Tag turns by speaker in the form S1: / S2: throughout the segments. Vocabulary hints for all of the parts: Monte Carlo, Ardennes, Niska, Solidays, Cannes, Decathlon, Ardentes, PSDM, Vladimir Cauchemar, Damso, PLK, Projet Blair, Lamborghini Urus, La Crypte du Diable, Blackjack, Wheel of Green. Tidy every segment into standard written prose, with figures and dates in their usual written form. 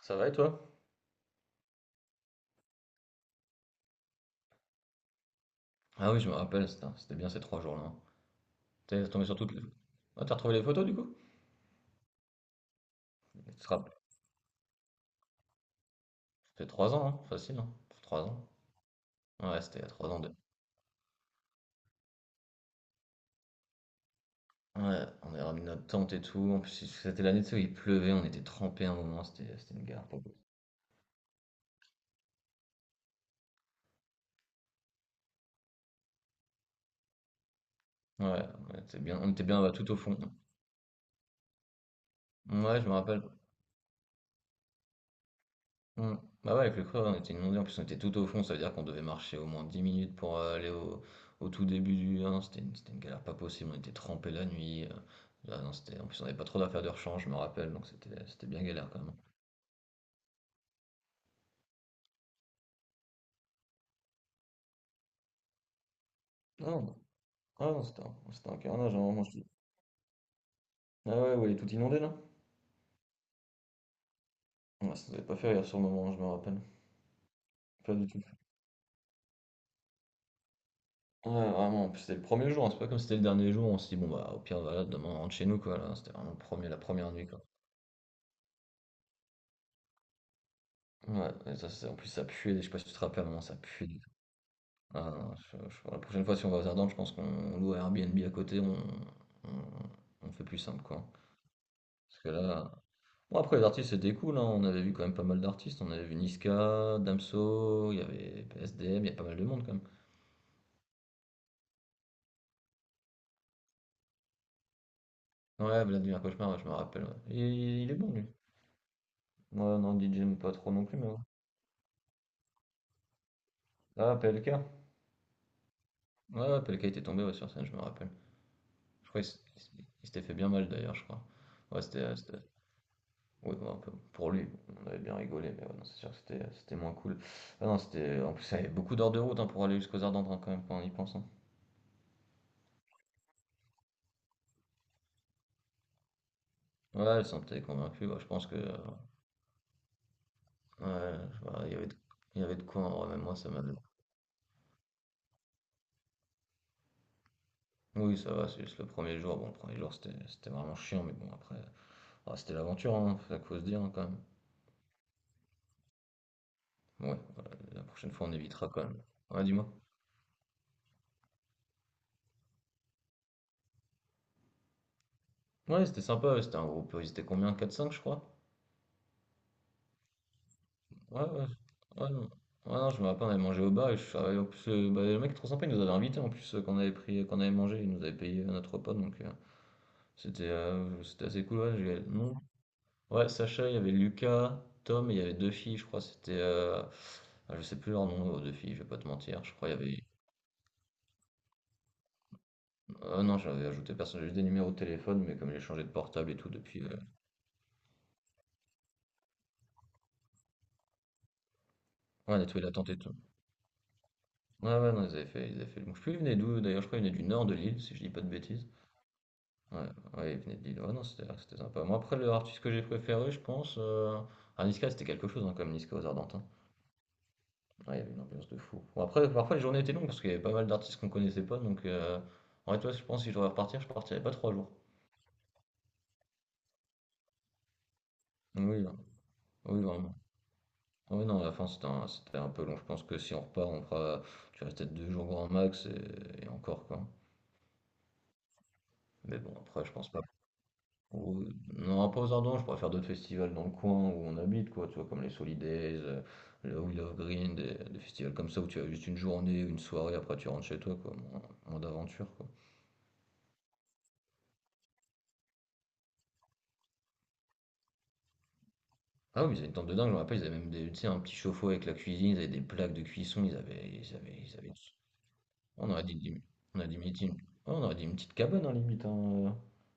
S1: Ça va et toi? Ah oui, je me rappelle, c'était bien ces trois jours-là, hein. T'es tombé sur toutes les... Ah, t'as retrouvé les photos du coup? Tu te rappelles- C'était 3 ans, hein, facile, hein? 3 ans. Ouais, c'était il y a 3 ans. De... Ouais, on avait ramené notre tente et tout. En plus, c'était l'année tu sais, où il pleuvait, on était trempés à un moment, c'était une gare. Ouais, on était bien bah, tout au fond. Ouais, je me rappelle. Hmm. Bah ouais, avec le creux, on était inondés. En plus, on était tout au fond, ça veut dire qu'on devait marcher au moins 10 minutes pour aller au tout début du 1. C'était une galère pas possible. On était trempés la nuit. Ah non, c'était, en plus, on n'avait pas trop d'affaires de rechange, je me rappelle. Donc, c'était bien galère quand même. Ah non, ah non, c'était un carnage, hein, moi, je te dis- Ah ouais, ouais, il est tout inondé là? Ouais, ça nous avait pas fait rire sur le moment, je me rappelle. Pas du tout. Ouais, vraiment. En plus, c'était le premier jour, hein. C'est pas comme si c'était le dernier jour. On s'est dit, bon, bah, au pire, voilà, demain, on rentre chez nous, quoi. Là, c'était vraiment le premier, la première nuit, quoi. Ouais, et ça, c'est- en plus, ça puait. Je sais pas si tu te rappelles, à un moment, ça puait. Ah non, la prochaine fois, si on va aux Ardennes, je pense qu'on loue un Airbnb à côté, on, on fait plus simple, quoi. Parce que là... Bon, après, les artistes, c'était cool, hein. On avait vu quand même pas mal d'artistes. On avait vu Niska, Damso, il y avait PSDM, il y a pas mal de monde, quand même. Ouais, Vladimir Cauchemar, ouais, je me rappelle, ouais. Il est bon, lui. Ouais, non, DJ, mais pas trop non plus, mais ouais. Ah, PLK. Ouais, ouais, PLK était tombé ouais, sur scène, je me rappelle. Je crois qu'il s- il s'était fait bien mal, d'ailleurs, je crois. Ouais, c'était... Ouais, bah, un peu pour lui, on avait bien rigolé, mais ouais, non, c'est sûr que c'était moins cool. Ah non, c'était en plus, ça avait beaucoup d'heures de route hein, pour aller jusqu'aux Ardentes hein, quand même quand on y pense, hein. Ouais, elle s'en était convaincue. Bah, je pense que ouais, je sais pas, il y avait de quoi en vrai, même moi ça m'a. Oui, ça va, c'est juste le premier jour. Bon, le premier jour c'était vraiment chiant, mais bon après, ah, c'était l'aventure, hein, à cause dire hein, quand même. Ouais, voilà, la prochaine fois on évitera quand même. Ouais, dis-moi. Ouais, c'était sympa, ouais, c'était un groupe, ils étaient combien? Quatre cinq, je crois. Ouais, ouais, ouais, non. Ouais, non, je me rappelle, on avait mangé au bar et je suis arrivé. En plus, bah, le mec trop sympa, il nous avait invités en plus, quand on avait mangé, il nous avait payé notre repas donc c'était assez cool. Ouais, j'ai- non. Ouais, Sacha, il y avait Lucas, Tom et il y avait deux filles, je crois, c'était. Ah, je sais plus leur nom, aux deux filles, je vais pas te mentir, je crois, il y avait. Ah non, j'avais ajouté personne, j'ai juste des numéros de téléphone, mais comme j'ai changé de portable et tout depuis. Ouais, on a trouvé l'attente et tout. Ouais, ouais, non, ils avaient fait le bon. Je sais plus, ils venaient d'où, d'ailleurs, je crois, ils venaient du nord de l'île, si je dis pas de bêtises. Ouais, ouais, il venait de Lille. Ouais, non, c'était sympa. Moi, après, le artiste que j'ai préféré, je pense... Ah, Niska, c'était quelque chose, hein, comme Niska aux Ardentins. Ouais, il y avait une ambiance de fou. Bon, après, parfois, les journées étaient longues parce qu'il y avait pas mal d'artistes qu'on connaissait pas. Donc... En vrai, toi, je pense que si je devais repartir, je partirais pas 3 jours. Oui, hein. Oui, vraiment. Oui, non, à la fin, c'était un peu long. Je pense que si on repart, on fera, tu restes peut-être 2 jours grand max et encore, quoi. Mais bon, après, je pense pas. Ou- Non, pas aux Ardents, je préfère d'autres festivals dans le coin où on habite, quoi, tu vois, comme les Solidays, le Wheel of Green, des festivals comme ça où tu as juste une journée, une soirée, après tu rentres chez toi, quoi, moins d'aventure, quoi. Ah oui, mais ils avaient une tente de dingue, je me rappelle, ils avaient même des, tu sais, un petit chauffe-eau avec la cuisine, ils avaient des plaques de cuisson, ils avaient... On aurait dit, lim- on a dit, On aurait dit une petite cabane, hein, limite, hein,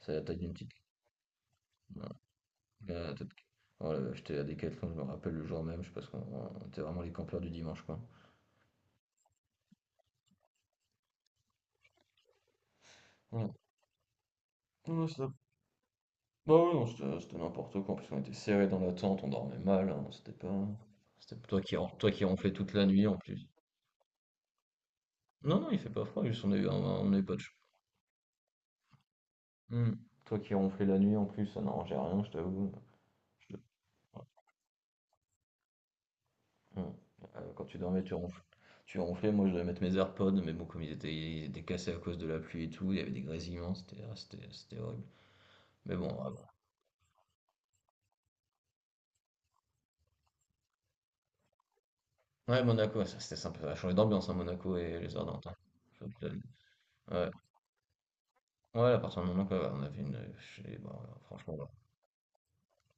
S1: c'est la taille d'une petite... Ouais, la tête- Voilà, j'étais à Decathlon, je me rappelle le jour même, je sais pas ce qu'on était vraiment les campeurs du dimanche, quoi. Ouais. Non, c'est Bah oui non, c'était n'importe quoi. En plus, on était serrés dans la tente, on dormait mal, hein. C'était pas. C'était toi qui ronflais toute la nuit en plus. Non, non, il fait pas froid, juste on a eu pas de chaud. Hmm. Toi qui ronflais la nuit en plus, ça n'arrangeait rien, je t'avoue. Je te- Hmm. Quand tu dormais, tu ronflais. Tu ronflais, moi je devais mettre mes AirPods, mais bon, comme ils étaient cassés à cause de la pluie et tout, il y avait des grésillements, c'était horrible. Mais bon. Ouais, Monaco, ça, c'était sympa, ça a changé d'ambiance, hein, Monaco et les Ardentes, hein. Faut que je te le dise. Ouais. Ouais, à partir du moment que, voilà, on avait une, chez bah, franchement, là.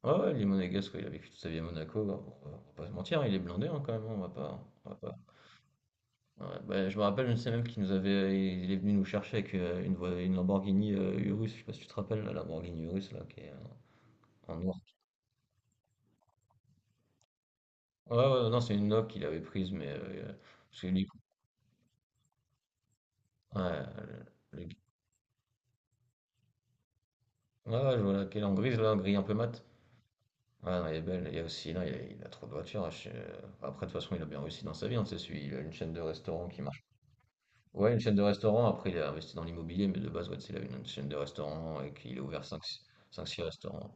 S1: Ouais, ouais, il est monégasque, ouais, il a vécu toute sa vie à Monaco, bah, on va pas se mentir, il est blindé, hein, quand même, hein, on va pas ouais, bah, je me rappelle, je sais même qu'il nous avait il est venu nous chercher avec, une Lamborghini, Urus, je sais pas si tu te rappelles, la Lamborghini Urus, là, qui est en noir. Ouais, ouais, non, c'est une Nok qu'il avait prise, mais, parce que lui ouais, le g ouais, ouais, je vois laquelle, en grise, là, en gris un peu mat. Ah non, elle est belle, il y a aussi, non, il a trop de voitures, hein, chez après de toute façon, il a bien réussi dans sa vie, hein, tu sais, celui il a une chaîne de restaurants qui Ouais, une chaîne de restaurants. Après, il a investi dans l'immobilier, mais de base, ouais, c'est une chaîne de restaurants et qu'il a ouvert cinq six restaurants.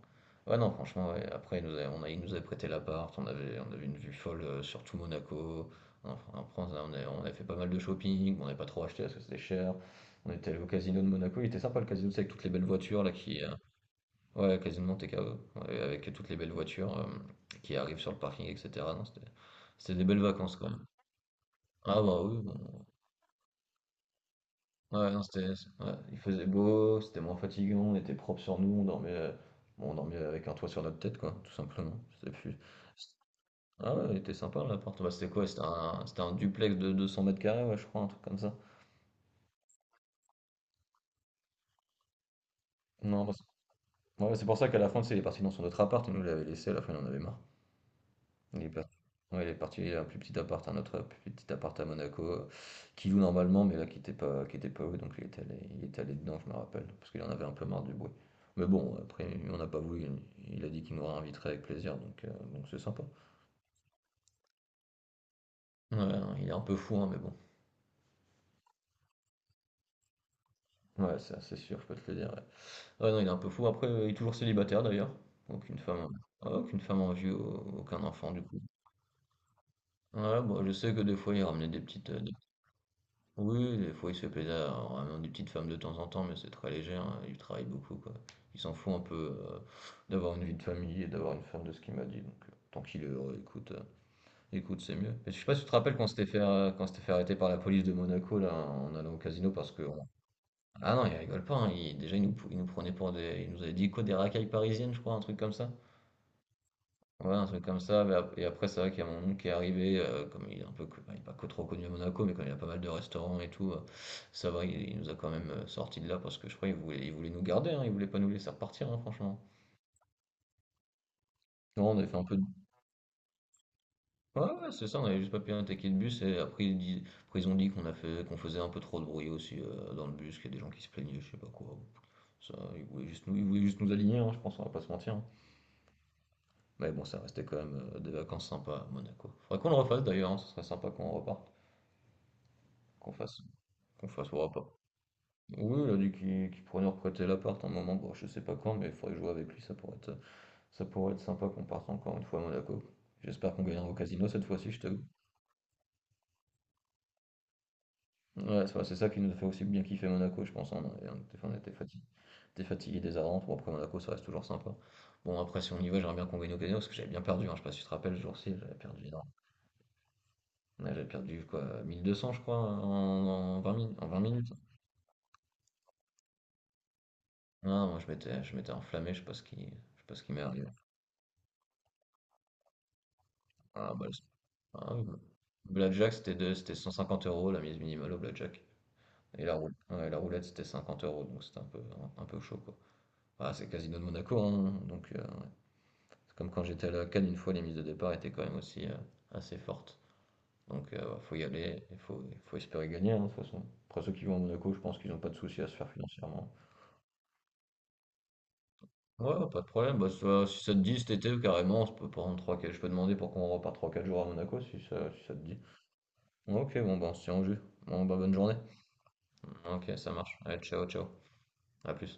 S1: Ouais, non, franchement, ouais. Après, il nous avait prêté l'appart, on avait une vue folle sur tout Monaco. Enfin, en France, on a fait pas mal de shopping, mais on n'a pas trop acheté parce que c'était cher. On était allé au casino de Monaco, il était sympa le casino, c'est avec toutes les belles voitures là qui. Ouais, casino de Monte Carlo, ouais, avec toutes les belles voitures qui arrivent sur le parking, etc. Non, c'était des belles vacances quand même. Ah bah oui, bon. Ouais, non, ouais, il faisait beau, c'était moins fatigant, on était propre sur nous, on dormait avec un toit sur notre tête, quoi, tout simplement. C'était plus... C'est- Ah ouais, il était sympa l'appart. Bah, c'était quoi? C'était un duplex de 200 mètres carrés, ouais, je crois, un truc comme ça. Non, ouais, c'est pour ça qu'à la fin, tu sais, il est parti dans son autre appart, et nous, il l'avait laissé, à la fin, il en avait marre. Il est parti, ouais, il est parti à un plus petit appart, un autre plus petit appart à Monaco, qu'il loue normalement, mais là qui était pas loué, donc il était allé dedans, je me rappelle, parce qu'il en avait un peu marre du bruit. Mais bon, après, on n'a pas voulu, il a dit qu'il nous réinviterait avec plaisir, donc c'est sympa. Ouais, non, il est un peu fou, hein, mais bon. Ouais, ça, c'est sûr, je peux te le dire. Ouais. Ouais, non, il est un peu fou. Après, il est toujours célibataire d'ailleurs. Aucune femme, aucune femme en vue, aucun enfant du coup. Ouais, bon, je sais que des fois, il ramenait des petites, des oui, oui, des fois il se fait plaisir en ramenant des petites femmes de temps en temps, mais c'est très léger, hein, il travaille beaucoup, quoi. Il s'en fout un peu euh, d'avoir une vie de famille et d'avoir une femme de ce qu'il m'a dit, donc tant qu'il est heureux, écoute, c'est mieux. Et je sais pas si tu te rappelles quand on s'était quand on s'était fait arrêter par la police de Monaco, là, en allant au casino, parce que ah non, il rigole pas, hein, déjà il nous prenait pour des... Il nous avait dit quoi, des racailles parisiennes, je crois, un truc comme ça. Ouais, un truc comme ça, mais et après, c'est vrai qu'il y a mon oncle qui est arrivé, comme il est un peu, il est pas co- trop connu à Monaco, mais comme il a pas mal de restaurants et tout, ça va, il nous a quand même sortis de là parce que je crois il voulait nous garder, hein, il voulait pas nous laisser repartir, hein, franchement. Non, on avait fait un peu de... Ouais, ouais, c'est ça, on avait juste pas payé un ticket de bus et après, après, ils ont dit qu'on faisait un peu trop de bruit aussi dans le bus, qu'il y a des gens qui se plaignaient, je sais pas quoi. Ça, ils voulaient juste nous aligner, hein, je pense, on va pas se mentir, hein. Mais bon, ça restait quand même des vacances sympas à Monaco. Faudrait qu'on le refasse d'ailleurs, hein, ce serait sympa qu'on reparte, qu'on fasse. Qu'on fasse voir pas. Oui, il a dit qu'il pourrait nous reprêter l'appart un moment, bon, je sais pas quand, mais il faudrait jouer avec lui, ça pourrait être sympa qu'on parte encore une fois à Monaco. J'espère qu'on gagnera au casino cette fois-ci, je t'avoue. Ouais, c'est vrai, c'est ça qui nous fait aussi bien kiffer Monaco, je pense, hein, on était fatigué des bon, après Monaco, ça reste toujours sympa. Bon, après, si on y va, j'aimerais bien qu'on gagne au casino, parce que j'avais bien perdu, hein, je sais pas si tu te rappelles, ce jour-ci, j'avais perdu énorme. Ouais, j'avais perdu, quoi, 1 200, je crois, en 20, en 20 minutes. Ah, je m'étais enflammé, je sais pas ce qui m'est arrivé. Ah, bah, Ah, Blackjack, c'était c'était 150 € la mise minimale au Blackjack. Et la roulette, ouais, la roulette c'était 50 euros, donc c'était un peu, un peu chaud quoi. Ah, c'est Casino de Monaco, hein, donc ouais. C'est comme quand j'étais à la Cannes, une fois, les mises de départ étaient quand même aussi assez fortes. Donc ouais, faut y aller, il faut espérer gagner hein, de toute façon. Après ceux qui vont à Monaco, je pense qu'ils n'ont pas de soucis à se faire financièrement. Ouais, pas de problème, bah, ça- si ça te dit cet été, carrément, on peut prendre 3, je peux demander pour qu'on repart 3 4 jours à Monaco si ça te dit. Ouais, ok, bon, bah, on se tient au jus. Bon, bah, bonne journée. Ok, ça marche. Allez, ciao, ciao. À plus.